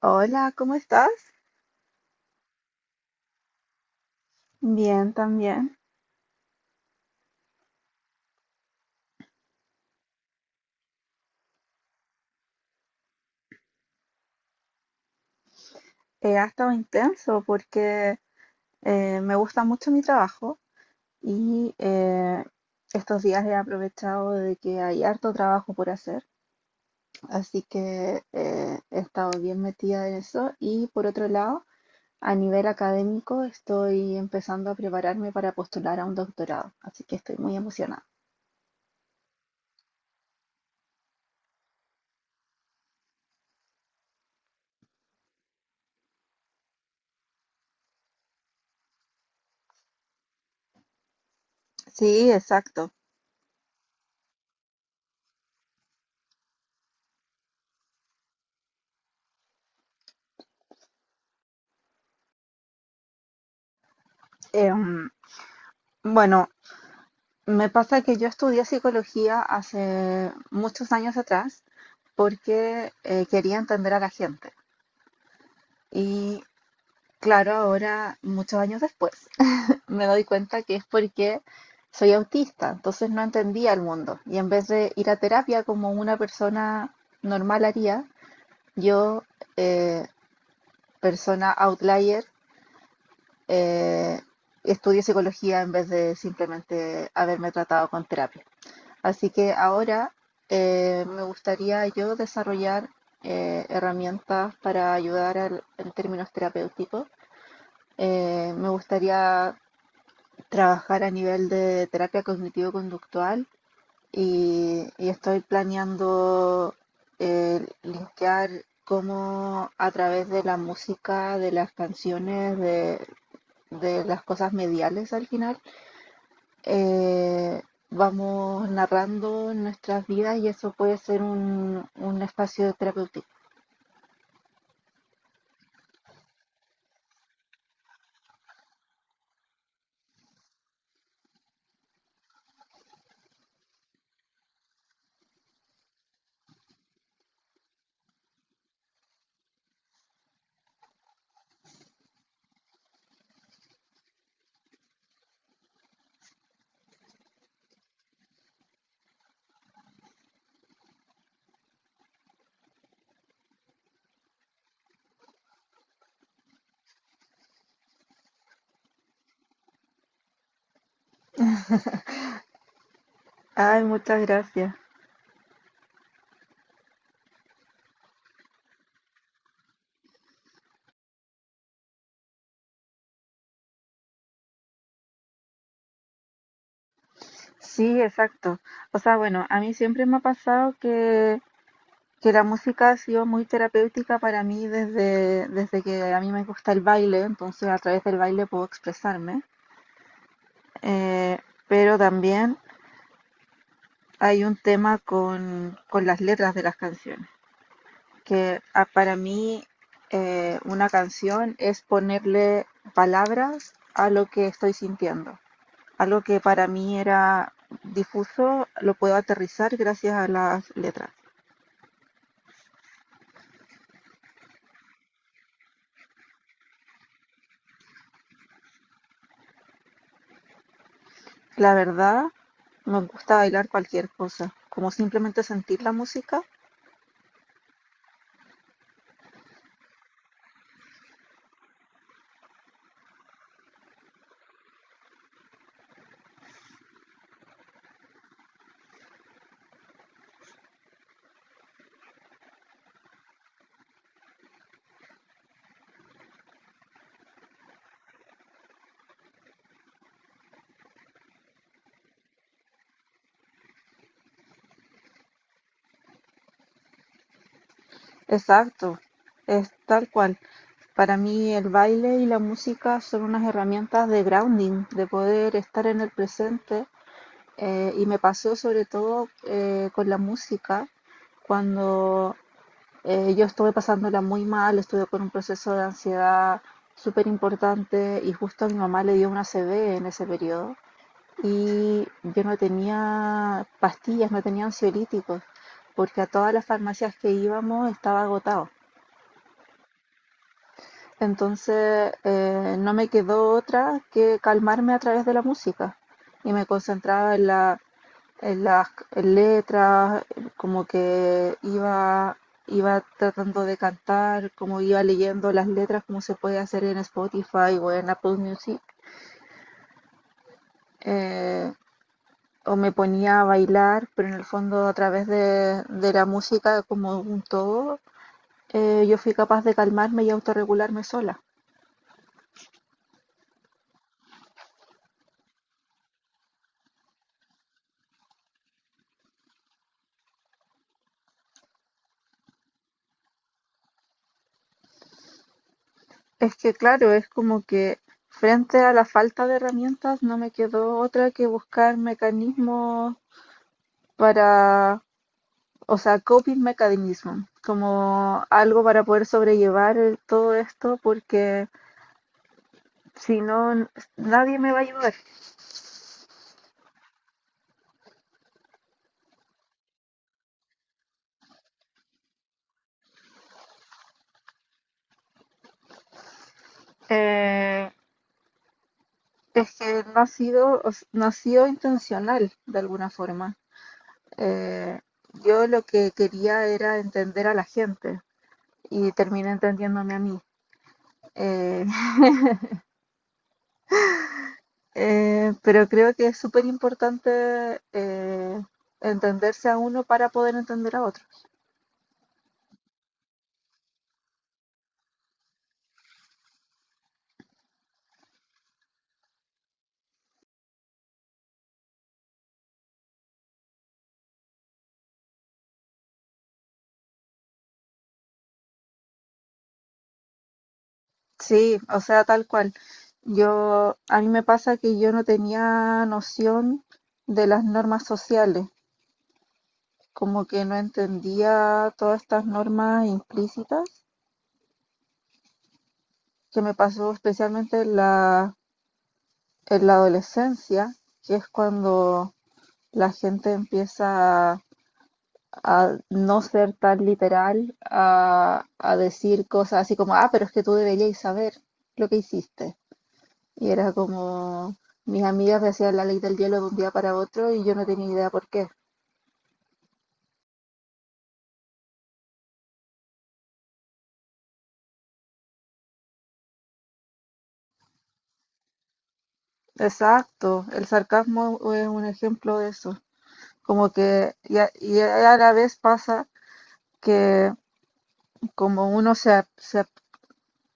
Hola, ¿cómo estás? Bien, también. Ha estado intenso porque me gusta mucho mi trabajo y estos días he aprovechado de que hay harto trabajo por hacer, así que he estado bien metida en eso y por otro lado, a nivel académico estoy empezando a prepararme para postular a un doctorado, así que estoy muy emocionada. Sí, exacto. Em, bueno, me pasa que yo estudié psicología hace muchos años atrás porque quería entender a la gente. Y claro, ahora, muchos años después, me doy cuenta que es porque soy autista, entonces no entendía el mundo. Y en vez de ir a terapia como una persona normal haría, yo, eh, persona outlier, eh, estudié psicología en vez de simplemente haberme tratado con terapia. Así que ahora me gustaría yo desarrollar herramientas para ayudar en términos terapéuticos. Me gustaría trabajar a nivel de terapia cognitivo-conductual y, estoy planeando linkear cómo a través de la música, de las canciones, de las cosas mediales al final, eh, vamos narrando nuestras vidas y eso puede ser un espacio terapéutico. Ay, muchas gracias. Sí, exacto. O sea, bueno, a mí siempre me ha pasado que la música ha sido muy terapéutica para mí desde que a mí me gusta el baile, entonces a través del baile puedo expresarme. Eh, pero también hay un tema con las letras de las canciones, que ah, para mí una canción es ponerle palabras a lo que estoy sintiendo. Algo que para mí era difuso, lo puedo aterrizar gracias a las letras. La verdad, me gusta bailar cualquier cosa, como simplemente sentir la música. Exacto, es tal cual. Para mí el baile y la música son unas herramientas de grounding, de poder estar en el presente. Y me pasó sobre todo con la música, cuando yo estuve pasándola muy mal, estuve con un proceso de ansiedad súper importante y justo a mi mamá le dio una CB en ese periodo y yo no tenía pastillas, no tenía ansiolíticos, porque a todas las farmacias que íbamos estaba agotado. Entonces no me quedó otra que calmarme a través de la música y me concentraba en la en las letras, como que iba, iba tratando de cantar, como iba leyendo las letras, como se puede hacer en Spotify o en Apple Music. Eh, o me ponía a bailar, pero en el fondo a través de la música como un todo, yo fui capaz de calmarme y autorregularme sola. Es que claro, es como que frente a la falta de herramientas no me quedó otra que buscar mecanismos para, o sea, coping mechanism, como algo para poder sobrellevar todo esto, porque si no, nadie me va a ayudar. Eh, es que no ha sido, no ha sido intencional de alguna forma. Eh, yo lo que quería era entender a la gente y terminé entendiéndome a mí. Eh, pero creo que es súper importante entenderse a uno para poder entender a otro. Sí, o sea, tal cual. Yo, a mí me pasa que yo no tenía noción de las normas sociales, como que no entendía todas estas normas implícitas, que me pasó especialmente en la adolescencia, que es cuando la gente empieza a no ser tan literal, a decir cosas así como, ah, pero es que tú deberías saber lo que hiciste. Y era como mis amigas me hacían la ley del hielo de un día para otro y yo no tenía idea por qué. Exacto, el sarcasmo es un ejemplo de eso. Como que, y a la vez pasa que como uno se, a- se, a-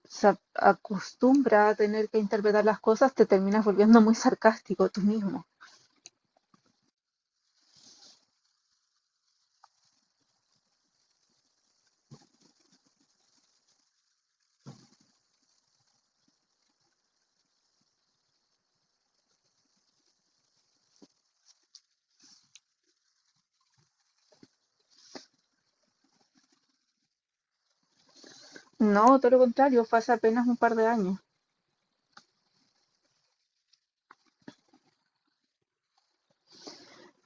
se a- acostumbra a tener que interpretar las cosas, te terminas volviendo muy sarcástico tú mismo. No, todo lo contrario, fue hace apenas un par de años.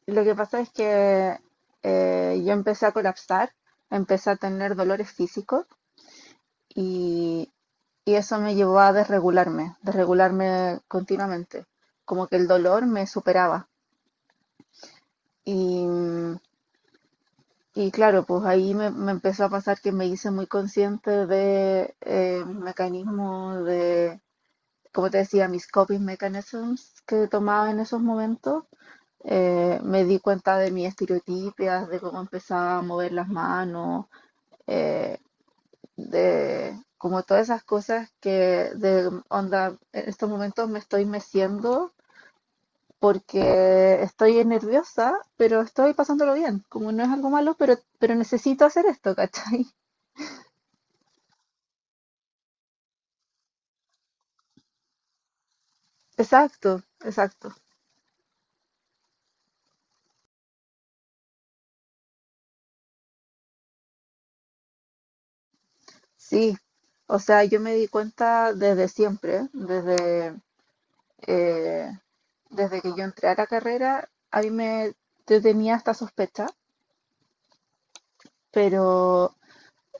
Lo que pasa es que yo empecé a colapsar, empecé a tener dolores físicos y y eso me llevó a desregularme, desregularme continuamente, como que el dolor me superaba. Y, y claro, pues ahí me empezó a pasar que me hice muy consciente de mis mecanismos, de, como te decía, mis coping mechanisms que tomaba en esos momentos. Me di cuenta de mis estereotipias, de cómo empezaba a mover las manos, eh, de como todas esas cosas que de onda, en estos momentos me estoy meciendo porque estoy nerviosa, pero estoy pasándolo bien. Como no es algo malo, pero necesito hacer esto, ¿cachai? Exacto, exacto. Sí. O sea, yo me di cuenta desde siempre, desde, eh, desde que yo entré a la carrera, a mí me, yo tenía esta sospecha, pero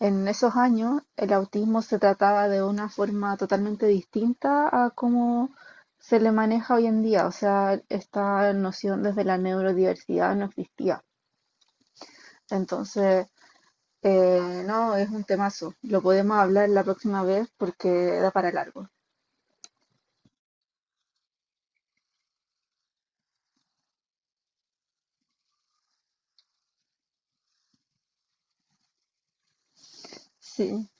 en esos años, el autismo se trataba de una forma totalmente distinta a cómo se le maneja hoy en día. O sea, esta noción desde la neurodiversidad no existía. Entonces, no, es un temazo. Lo podemos hablar la próxima vez porque da para largo. Sí.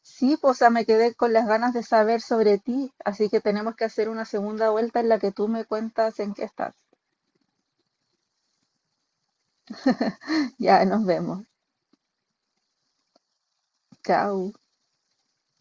Sí, pues, o sea, me quedé con las ganas de saber sobre ti, así que tenemos que hacer una segunda vuelta en la que tú me cuentas en qué estás. Ya, nos vemos. Chao.